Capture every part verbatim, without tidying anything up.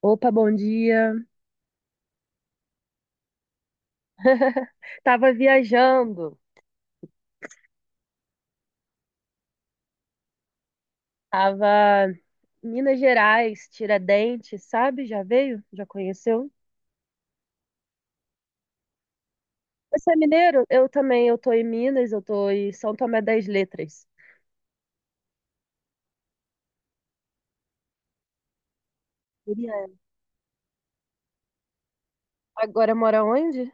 Opa, bom dia. Tava viajando, tava em Minas Gerais, Tiradentes, sabe? Já veio? Já conheceu? Você é mineiro? Eu também, eu tô em Minas, eu tô em São Tomé das Letras. Queria- Agora mora onde?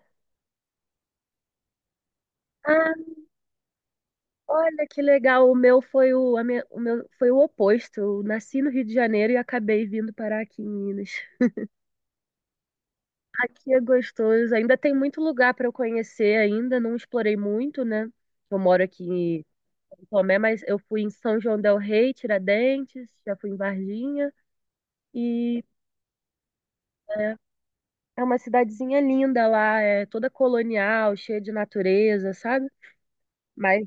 Ah, olha que legal. O meu foi o, a minha- o meu foi o oposto. Eu nasci no Rio de Janeiro e acabei vindo parar aqui em Minas. Aqui é gostoso. Ainda tem muito lugar para eu conhecer ainda, não explorei muito, né? Eu moro aqui Tomé, mas eu fui em São João del Rei, Tiradentes, já fui em Varginha e é, é uma cidadezinha linda lá, é toda colonial, cheia de natureza, sabe? Mas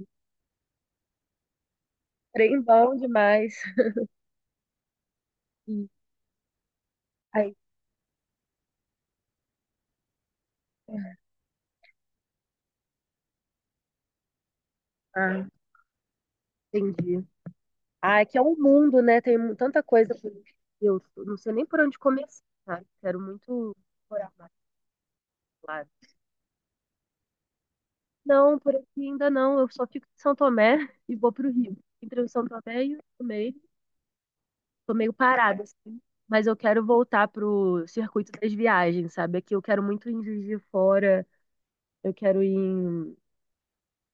trem bom demais. E aí, ah, entendi. Ah, é que é um mundo, né? Tem mu- tanta coisa. por- Eu não sei nem por onde começar, sabe? Quero muito morar mais lá. Não, por aqui ainda não. Eu só fico em São Tomé e vou pro Rio. Entre o São Tomé e o Tomé. Tô meio parada, assim, mas eu quero voltar pro circuito das viagens, sabe? Aqui eu quero muito ir em Juiz de Fora, eu quero ir em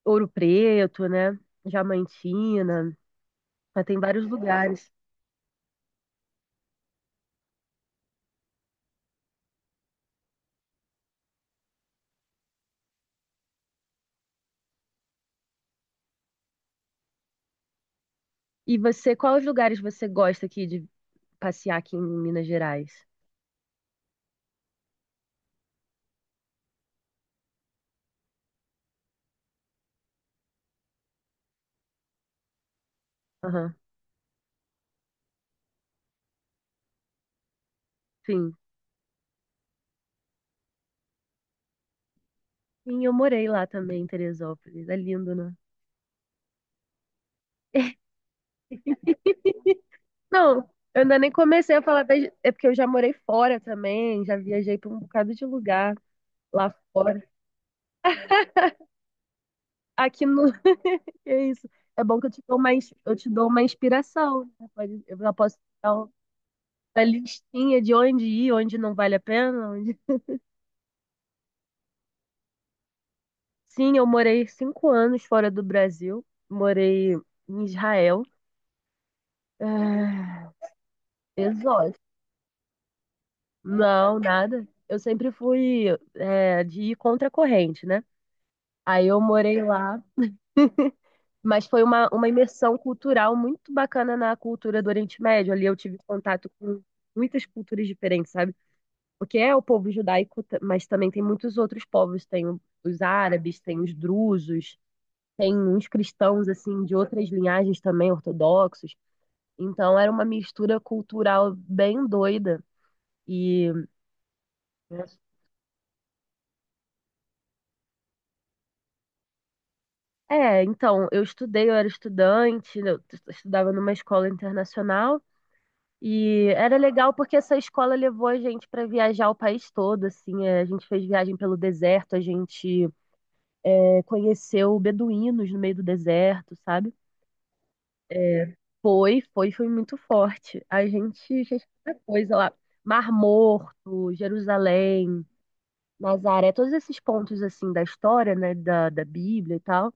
Ouro Preto, né? Diamantina, mas tem vários lugares. E você, quais lugares você gosta aqui de passear aqui em Minas Gerais? Aham, sim. Sim, eu morei lá também, em Teresópolis. É lindo, né? Não, eu ainda nem comecei a falar das... É porque eu já morei fora também, já viajei pra um bocado de lugar lá fora. Aqui no. É isso. É bom que eu te dou uma, ins- eu te dou uma inspiração. Né? Pode- Eu já posso dar um, uma listinha de onde ir, onde não vale a pena. onde- Sim, eu morei cinco anos fora do Brasil. Morei em Israel. É... Exótico. Não, nada. Eu sempre fui é, de ir contra a corrente, né? Aí eu morei lá, mas foi uma, uma imersão cultural muito bacana na cultura do Oriente Médio. Ali eu tive contato com muitas culturas diferentes, sabe? Porque é o povo judaico, ta- mas também tem muitos outros povos, tem o- os árabes, tem os drusos, tem uns cristãos assim de outras linhagens também ortodoxos. Então era uma mistura cultural bem doida. E é, então, eu estudei, eu era estudante, eu t- estudava numa escola internacional e era legal porque essa escola levou a gente para viajar o país todo, assim, é, a gente fez viagem pelo deserto, a gente é, conheceu beduínos no meio do deserto, sabe? Foi, foi, foi muito forte. A gente fez muita coisa lá. Mar Morto, Jerusalém, Nazaré, todos esses pontos assim da história, né, da, da Bíblia e tal.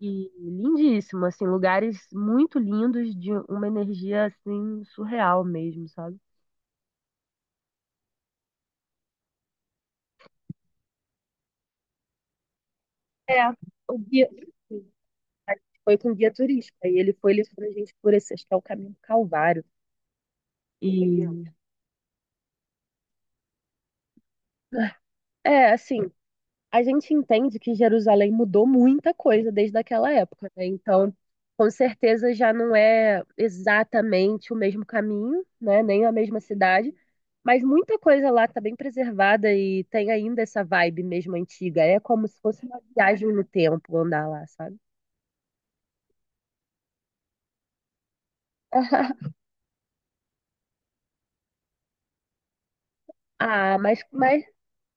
E lindíssimo, assim, lugares muito lindos de uma energia assim surreal mesmo, sabe? É, o guia foi com guia turístico, e ele foi levando a gente por esse, acho que é o caminho do Calvário. E É, assim, a gente entende que Jerusalém mudou muita coisa desde aquela época, né? Então, com certeza já não é exatamente o mesmo caminho, né? Nem a mesma cidade, mas muita coisa lá está bem preservada e tem ainda essa vibe mesmo antiga. É como se fosse uma viagem no tempo andar lá, sabe? Ah, mas, mas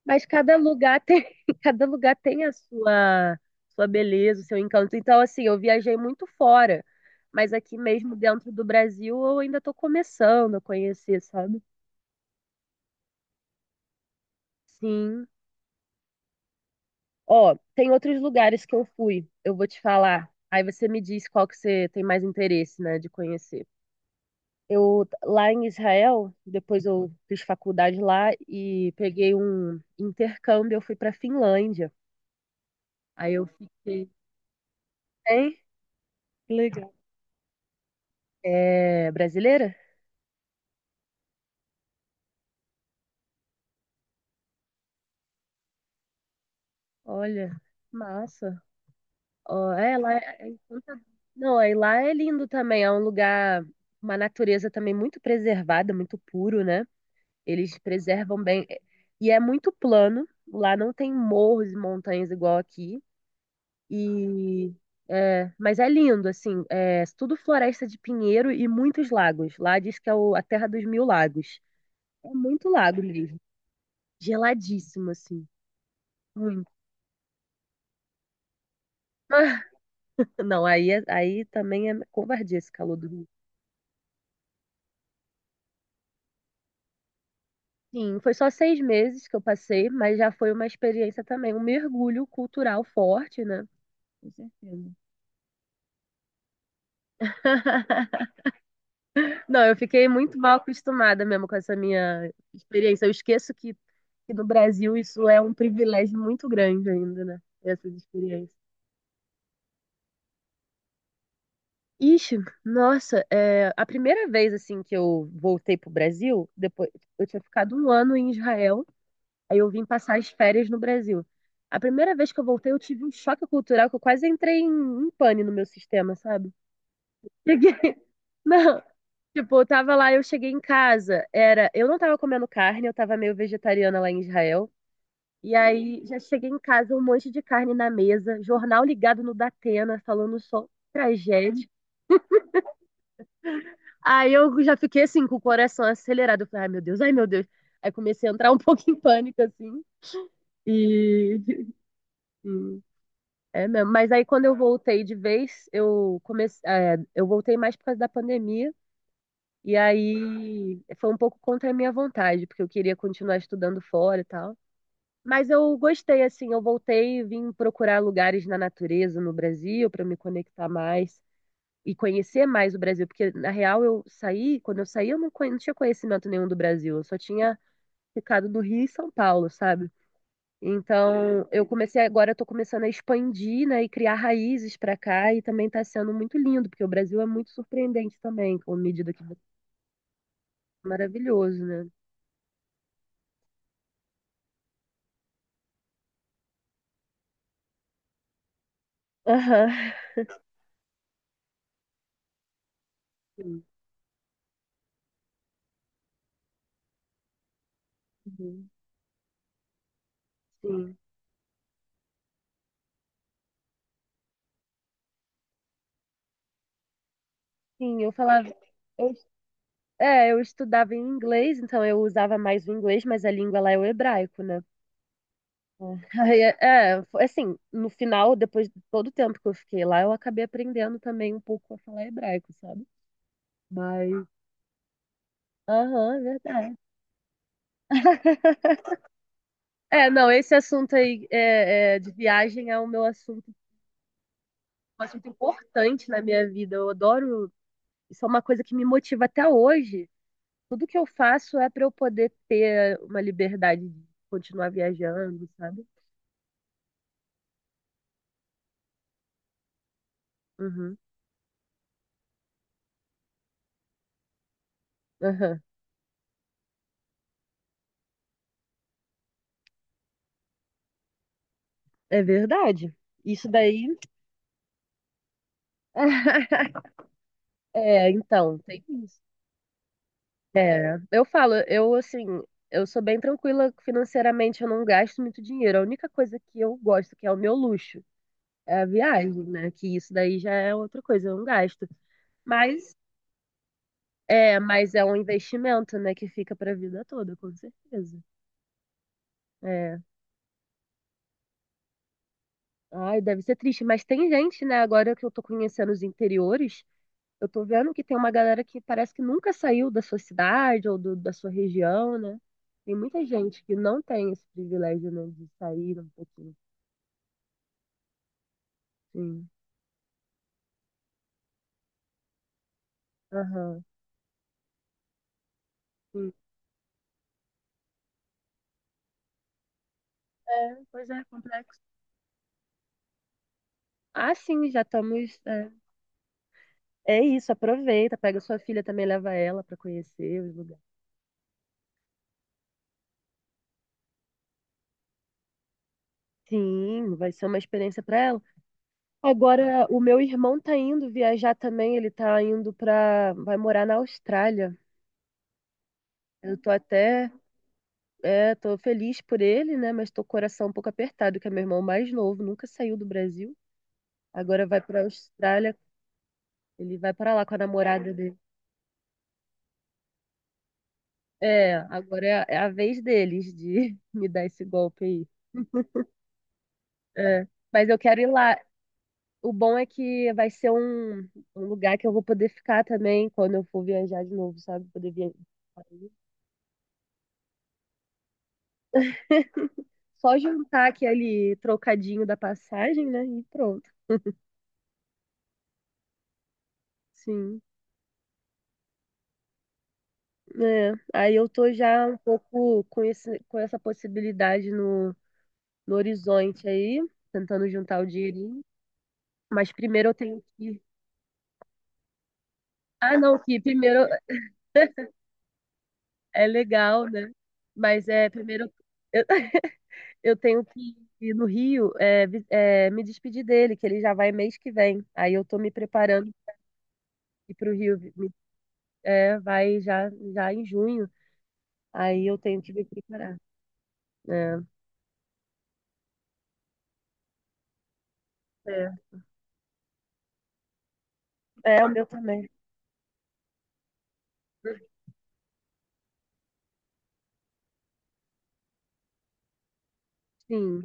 Mas cada lugar tem, cada lugar tem a sua, sua, beleza, o seu encanto. Então, assim, eu viajei muito fora, mas aqui mesmo dentro do Brasil eu ainda estou começando a conhecer, sabe? Sim. Ó, tem outros lugares que eu fui, eu vou te falar. Aí você me diz qual que você tem mais interesse, né, de conhecer. Eu, lá em Israel, depois eu fiz faculdade lá e peguei um intercâmbio, eu fui para Finlândia. Aí eu fiquei, hein? É brasileira? Olha, massa. Ó, é, lá é, é encantador. Não, aí lá é lindo também. É um lugar, uma natureza também muito preservada, muito puro, né? Eles preservam bem. é, E é muito plano. Lá não tem morros e montanhas igual aqui. E é, mas é lindo, assim. É tudo floresta de pinheiro e muitos lagos. Lá diz que é o- a terra dos mil lagos. É muito lago mesmo. Geladíssimo, assim. Muito. Não, aí, é- aí também é covardia esse calor do Rio. Sim, foi só seis meses que eu passei, mas já foi uma experiência também, um mergulho cultural forte, né? Com certeza. Não, eu fiquei muito mal acostumada mesmo com essa minha experiência. Eu esqueço que, que no Brasil isso é um privilégio muito grande ainda, né? Essas experiências. Ixi, nossa, é, a primeira vez assim que eu voltei pro Brasil, depois eu tinha ficado um ano em Israel. Aí eu vim passar as férias no Brasil. A primeira vez que eu voltei, eu tive um choque cultural que eu quase entrei em, em pane no meu sistema, sabe? Cheguei, não. Tipo, eu tava lá, eu cheguei em casa, era, eu não tava comendo carne, eu tava meio vegetariana lá em Israel. E aí já cheguei em casa, um monte de carne na mesa, jornal ligado no Datena, falando só tragédia. Aí eu já fiquei assim, com o coração acelerado. Eu falei, ai meu Deus, ai meu Deus. Aí comecei a entrar um pouco em pânico, assim. E, É mesmo. Mas aí quando eu voltei de vez, eu comecei, é, eu voltei mais por causa da pandemia. E aí foi um pouco contra a minha vontade, porque eu queria continuar estudando fora e tal. Mas eu gostei, assim, eu voltei e vim procurar lugares na natureza no Brasil para me conectar mais e conhecer mais o Brasil, porque na real eu saí, quando eu saí eu não, conhe- não tinha conhecimento nenhum do Brasil, eu só tinha ficado no Rio e São Paulo, sabe? Então, eu comecei agora, eu tô começando a expandir, né, e criar raízes para cá e também está sendo muito lindo, porque o Brasil é muito surpreendente também, com a medida que é maravilhoso, né? Aham. Sim, Uhum. Sim. Sim, eu falava, eu, é, eu estudava em inglês, então eu usava mais o inglês, mas a língua lá é o hebraico, né? É, Aí, é, é, foi assim, no final, depois de todo o tempo que eu fiquei lá, eu acabei aprendendo também um pouco a falar hebraico, sabe? Mas, aham, é verdade. É, não, esse assunto aí é, é, de viagem é o meu assunto, um assunto importante na minha vida. Eu adoro, isso é uma coisa que me motiva até hoje. Tudo que eu faço é para eu poder ter uma liberdade de continuar viajando, sabe? Uhum, aham. É verdade. Isso daí. É, então, tem isso. É, eu falo, eu assim, eu sou bem tranquila financeiramente, eu não gasto muito dinheiro. A única coisa que eu gosto, que é o meu luxo. É a viagem, né? Que isso daí já é outra coisa, é um gasto. Mas é, mas é um investimento, né? Que fica para a vida toda, com certeza. É. Ai, deve ser triste. Mas tem gente, né? Agora que eu tô conhecendo os interiores, eu tô vendo que tem uma galera que parece que nunca saiu da sua cidade ou do- da sua região, né? Tem muita gente que não tem esse privilégio, né? De sair um pouquinho. Sim. Aham. Sim. É, pois é, complexo. Ah, sim, já estamos. é, É isso, aproveita, pega sua filha também, leva ela para conhecer os lugares. Sim, vai ser uma experiência para ela. Agora, o meu irmão tá indo viajar também, ele tá indo para, vai morar na Austrália. Eu tô até, é, tô feliz por ele, né, mas tô com o coração um pouco apertado, que é meu irmão mais novo, nunca saiu do Brasil. Agora vai para Austrália, ele vai para lá com a namorada dele. É, agora é a, é a vez deles de me dar esse golpe aí. É. Mas eu quero ir lá. O bom é que vai ser um, um lugar que eu vou poder ficar também quando eu for viajar de novo, sabe? Poder viajar. Só juntar aquele trocadinho da passagem, né? E pronto. Sim. É. Aí eu tô já um pouco com esse, com essa possibilidade no, no, horizonte aí, tentando juntar o dinheirinho. Mas primeiro eu tenho que. Ah, não, que primeiro é legal, né? Mas é primeiro. Eu, eu tenho que ir no Rio, é, vi- é, me despedir dele, que ele já vai mês que vem. Aí eu tô me preparando ir pro Rio, me- é, vai já, já em junho. Aí eu tenho que me preparar. É, é, é o meu também. Sim.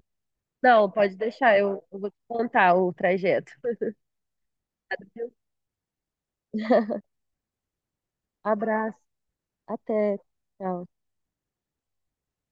Não, pode deixar, eu, eu vou te contar o trajeto. Abraço, até. Tchau.